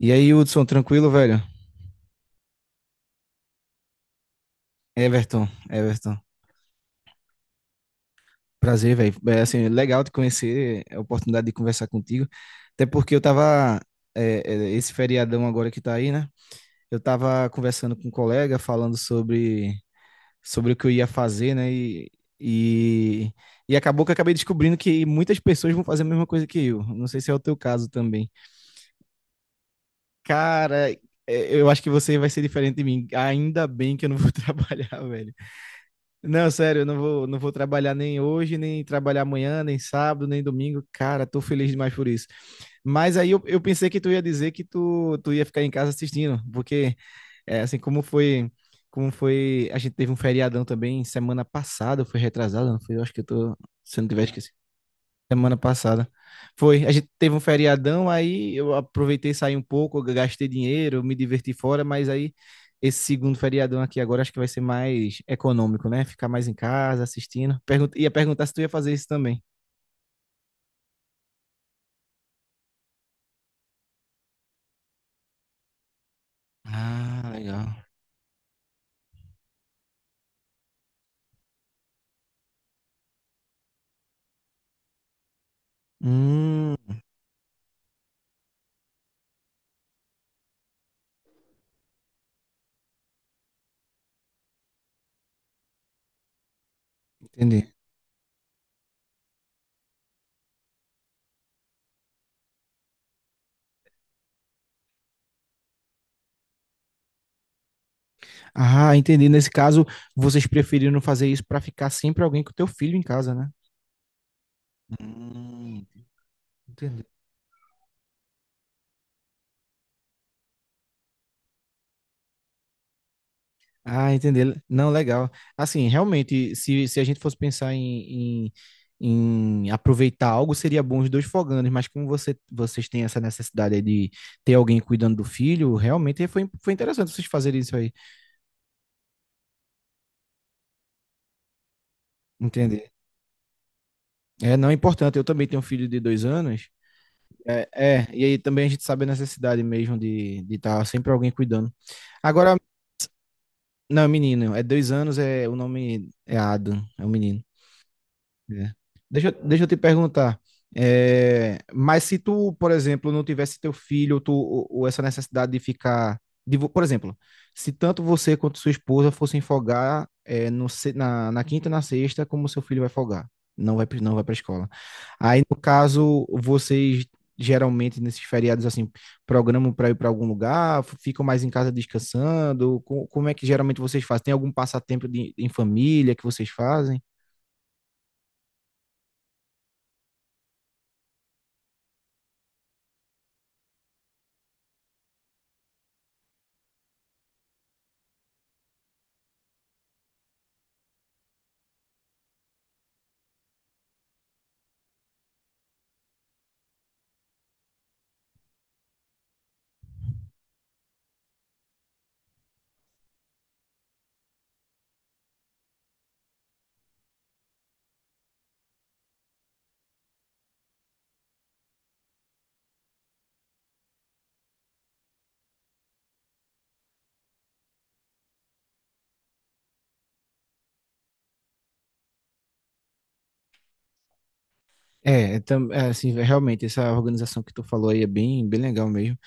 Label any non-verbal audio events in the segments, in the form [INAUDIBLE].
E aí, Hudson, tranquilo, velho? Everton, Everton. Prazer, velho. É assim, legal te conhecer, é a oportunidade de conversar contigo. Até porque eu tava, é, esse feriadão agora que tá aí, né? Eu tava conversando com um colega, falando sobre o que eu ia fazer, né? E, e acabou que eu acabei descobrindo que muitas pessoas vão fazer a mesma coisa que eu. Não sei se é o teu caso também. Cara, eu acho que você vai ser diferente de mim. Ainda bem que eu não vou [LAUGHS] trabalhar, velho. Não, sério, eu não vou trabalhar nem hoje, nem trabalhar amanhã, nem sábado, nem domingo. Cara, tô feliz demais por isso. Mas aí eu pensei que tu ia dizer que tu ia ficar em casa assistindo, porque assim como foi, a gente teve um feriadão também semana passada, foi retrasada, não foi? Eu acho que eu tô, se eu não tiver esquecido. Semana passada. Foi, a gente teve um feriadão, aí eu aproveitei, saí um pouco, eu gastei dinheiro, me diverti fora, mas aí esse segundo feriadão aqui agora acho que vai ser mais econômico, né? Ficar mais em casa, assistindo. Pergunta, ia perguntar se tu ia fazer isso também. Ah, legal. Hum, entendi. Ah, entendi. Nesse caso, vocês preferiram fazer isso para ficar sempre alguém com o teu filho em casa, né? Hum, entendi. Ah, entender. Não, legal. Assim, realmente, se a gente fosse pensar em aproveitar algo, seria bom os dois foganos, mas como você, vocês têm essa necessidade aí de ter alguém cuidando do filho, realmente foi interessante vocês fazerem isso aí. Entender. É, não é importante. Eu também tenho um filho de 2 anos. É, e aí também a gente sabe a necessidade mesmo de estar sempre alguém cuidando. Agora, não, é menino, é 2 anos, é o nome é Adam, é o menino. É. Deixa eu te perguntar. Mas se tu, por exemplo, não tivesse teu filho, tu, ou essa necessidade de ficar. Por exemplo, se tanto você quanto sua esposa fossem folgar na quinta e na sexta, como seu filho vai folgar? Não vai, não vai para escola. Aí, no caso, vocês geralmente nesses feriados assim, programam para ir para algum lugar, ficam mais em casa descansando? Como é que geralmente vocês fazem? Tem algum passatempo em família que vocês fazem? Assim, realmente, essa organização que tu falou aí é bem, bem legal mesmo.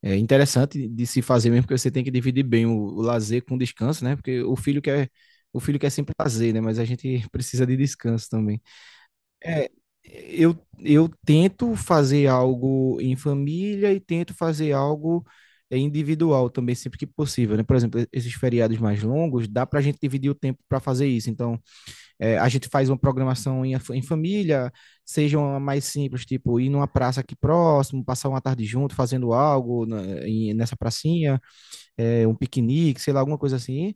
É interessante de se fazer mesmo, porque você tem que dividir bem o lazer com o descanso, né? Porque o filho quer sempre lazer, né? Mas a gente [LAUGHS] precisa de descanso também. É, eu, eu tento fazer algo em família e tento fazer algo individual também, sempre que possível, né? Por exemplo, esses feriados mais longos, dá pra gente dividir o tempo para fazer isso. Então, a gente faz uma programação em família, seja uma mais simples, tipo ir numa praça aqui próximo, passar uma tarde junto fazendo algo nessa pracinha, um piquenique, sei lá, alguma coisa assim.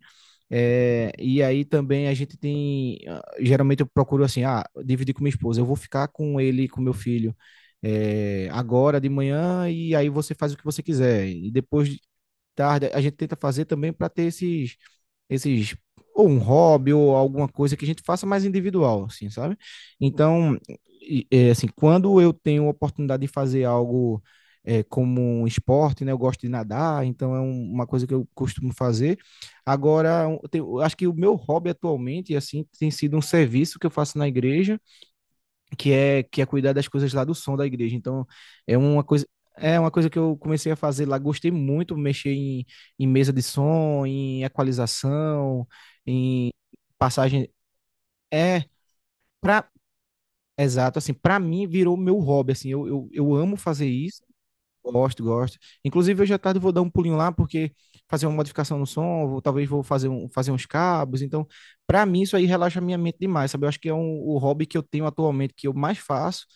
E aí também a gente tem. Geralmente eu procuro assim, dividir com minha esposa, eu vou ficar com ele, com meu filho. Agora de manhã, e aí você faz o que você quiser. E depois de tarde, a gente tenta fazer também para ter esses ou um hobby ou alguma coisa que a gente faça mais individual, assim, sabe? Então, assim, quando eu tenho a oportunidade de fazer algo como um esporte, né? Eu gosto de nadar, então é uma coisa que eu costumo fazer. Agora, eu acho que o meu hobby atualmente, assim, tem sido um serviço que eu faço na igreja que é cuidar das coisas lá do som da igreja. Então, é uma coisa é uma coisa que eu comecei a fazer lá, gostei muito, mexer em mesa de som, em equalização, em passagem. É, pra, Exato, assim, para mim virou meu hobby, assim, eu amo fazer isso. Gosto, gosto. Inclusive, hoje à tarde eu vou dar um pulinho lá, porque fazer uma modificação no som, talvez vou fazer, fazer uns cabos. Então, para mim, isso aí relaxa a minha mente demais, sabe? Eu acho que o hobby que eu tenho atualmente, que eu mais faço,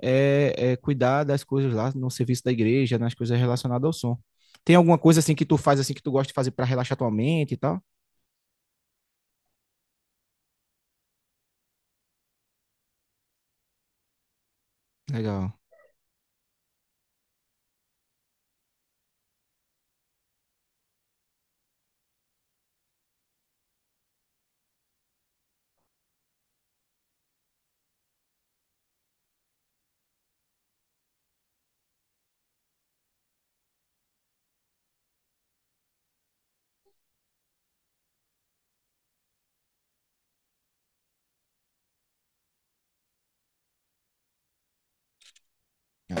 é cuidar das coisas lá no serviço da igreja, nas coisas relacionadas ao som. Tem alguma coisa assim que tu faz, assim, que tu gosta de fazer para relaxar tua mente e tal? Legal.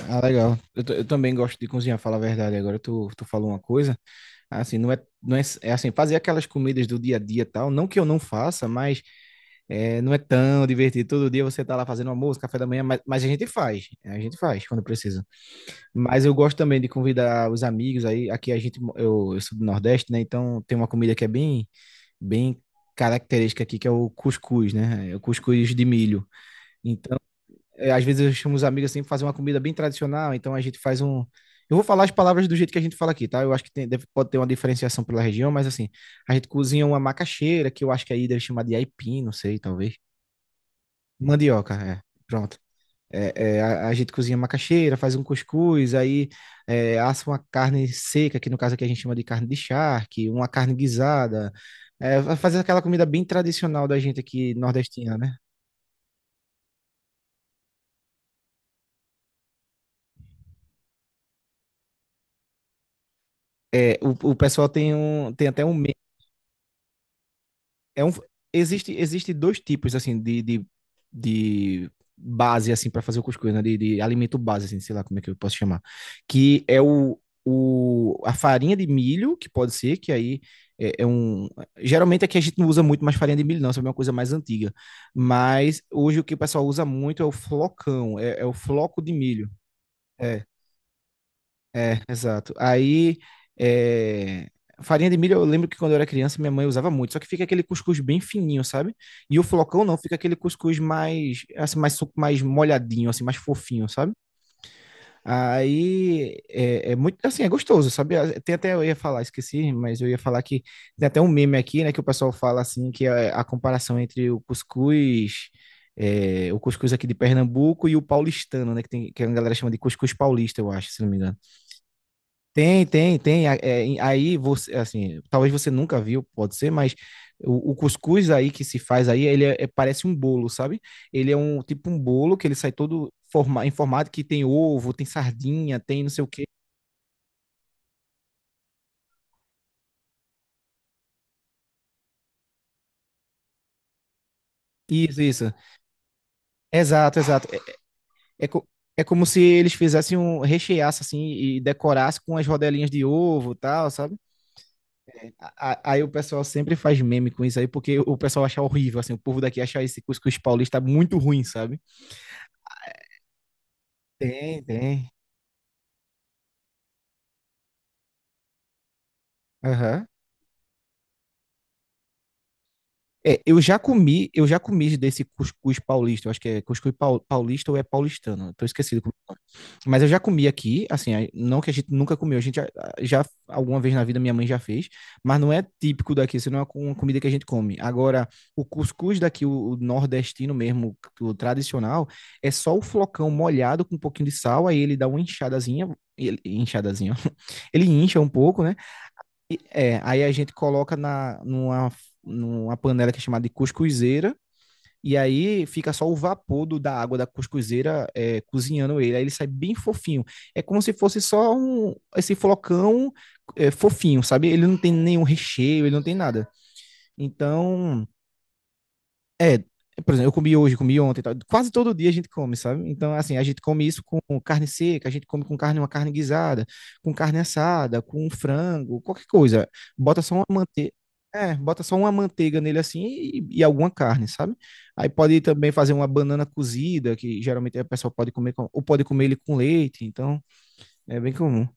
Ah, legal. Eu também gosto de cozinhar, falar a verdade. Agora tu falou uma coisa. Assim, não é, é assim, fazer aquelas comidas do dia a dia e tal, não que eu não faça, mas não é tão divertido. Todo dia você tá lá fazendo almoço, café da manhã, mas a gente faz, a gente faz quando precisa. Mas eu gosto também de convidar os amigos aí, aqui a gente, eu sou do Nordeste, né? Então tem uma comida que é bem, bem característica aqui, que é o cuscuz, né? É o cuscuz de milho. Então, às vezes eu chamo os amigos assim pra fazer uma comida bem tradicional, então a gente faz um. Eu vou falar as palavras do jeito que a gente fala aqui, tá? Eu acho que tem, deve, pode ter uma diferenciação pela região, mas assim, a gente cozinha uma macaxeira, que eu acho que aí deve chamar de aipim, não sei, talvez. Mandioca, é. Pronto. A gente cozinha macaxeira, faz um cuscuz, aí assa uma carne seca, que no caso aqui a gente chama de carne de charque, uma carne guisada, fazer aquela comida bem tradicional da gente aqui nordestina, né? O pessoal tem, tem até um é um, existe dois tipos, assim, de base, assim, para fazer o cuscuz, né? De alimento base, assim, sei lá como é que eu posso chamar. Que é a farinha de milho, que pode ser, que aí é um. Geralmente aqui a gente não usa muito mais farinha de milho, não, isso é uma coisa mais antiga. Mas hoje o que o pessoal usa muito é o flocão, é o floco de milho. É. É, exato. Aí, é, farinha de milho, eu lembro que quando eu era criança, minha mãe usava muito, só que fica aquele cuscuz bem fininho, sabe? E o flocão não, fica aquele cuscuz mais, assim, mais, mais molhadinho, assim, mais fofinho, sabe? Aí, é muito, assim, é gostoso, sabe? Ah, tem até, eu ia falar, esqueci, mas eu ia falar que tem até um meme aqui, né, que o pessoal fala, assim, que é a comparação entre o cuscuz o cuscuz aqui de Pernambuco e o paulistano, né? Que, tem, que a galera chama de cuscuz paulista, eu acho, se não me engano. Tem, tem, tem. Aí você, assim, talvez você nunca viu, pode ser, mas o cuscuz aí que se faz aí, ele parece um bolo, sabe? Ele é um tipo um bolo que ele sai todo forma, em formato que tem ovo, tem sardinha, tem não sei o quê. Isso, isso. Exato, exato. É, co- é como se eles fizessem um recheasse assim e decorasse com as rodelinhas de ovo, e tal, sabe? Aí o pessoal sempre faz meme com isso aí, porque o pessoal acha horrível, assim, o povo daqui acha esse cuscuz paulista muito ruim, sabe? Tem, tem. Aham. Eu já comi desse cuscuz paulista, eu acho que é cuscuz paulista ou é paulistano, eu tô esquecido. Mas eu já comi aqui, assim, não que a gente nunca comeu, a gente já alguma vez na vida minha mãe já fez, mas não é típico daqui, isso não é uma comida que a gente come. Agora, o cuscuz daqui, o nordestino mesmo, o tradicional, é só o flocão molhado com um pouquinho de sal, aí ele dá uma inchadazinha, inchadazinha, [LAUGHS] ele incha um pouco, né? É, aí a gente coloca numa panela que é chamada de cuscuzeira, e aí fica só o vapor do, da água da cuscuzeira cozinhando ele. Aí ele sai bem fofinho. É como se fosse só esse flocão fofinho, sabe? Ele não tem nenhum recheio, ele não tem nada. Então, é, por exemplo, eu comi hoje, comi ontem, e tal. Quase todo dia a gente come, sabe? Então, assim, a gente come isso com carne seca, a gente come com carne, uma carne guisada, com carne assada, com frango, qualquer coisa. Bota só uma manteiga, bota só uma manteiga nele assim e alguma carne, sabe? Aí pode também fazer uma banana cozida, que geralmente a pessoa pode comer, ou pode comer ele com leite, então é bem comum.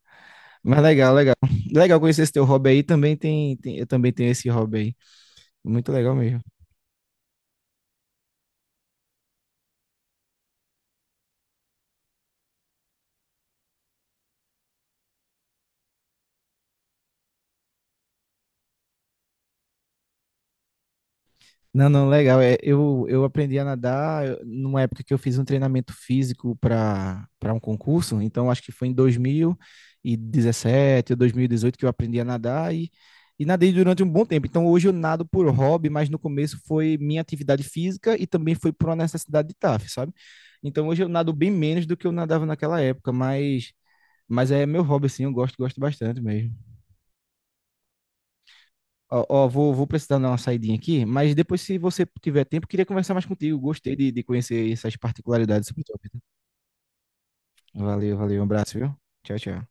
Mas legal, legal. Legal conhecer esse teu hobby aí, também eu também tenho esse hobby aí. Muito legal mesmo. Não, não, legal. Eu aprendi a nadar numa época que eu fiz um treinamento físico para um concurso, então acho que foi em 2017 ou 2018 que eu aprendi a nadar e nadei durante um bom tempo. Então hoje eu nado por hobby, mas no começo foi minha atividade física e também foi por uma necessidade de TAF, sabe? Então hoje eu nado bem menos do que eu nadava naquela época, mas é meu hobby, assim, eu gosto, gosto bastante mesmo. Ó, vou precisar dar uma saidinha aqui, mas depois, se você tiver tempo, queria conversar mais contigo. Gostei de conhecer essas particularidades sobre o tua Valeu, valeu, um abraço, viu? Tchau, tchau.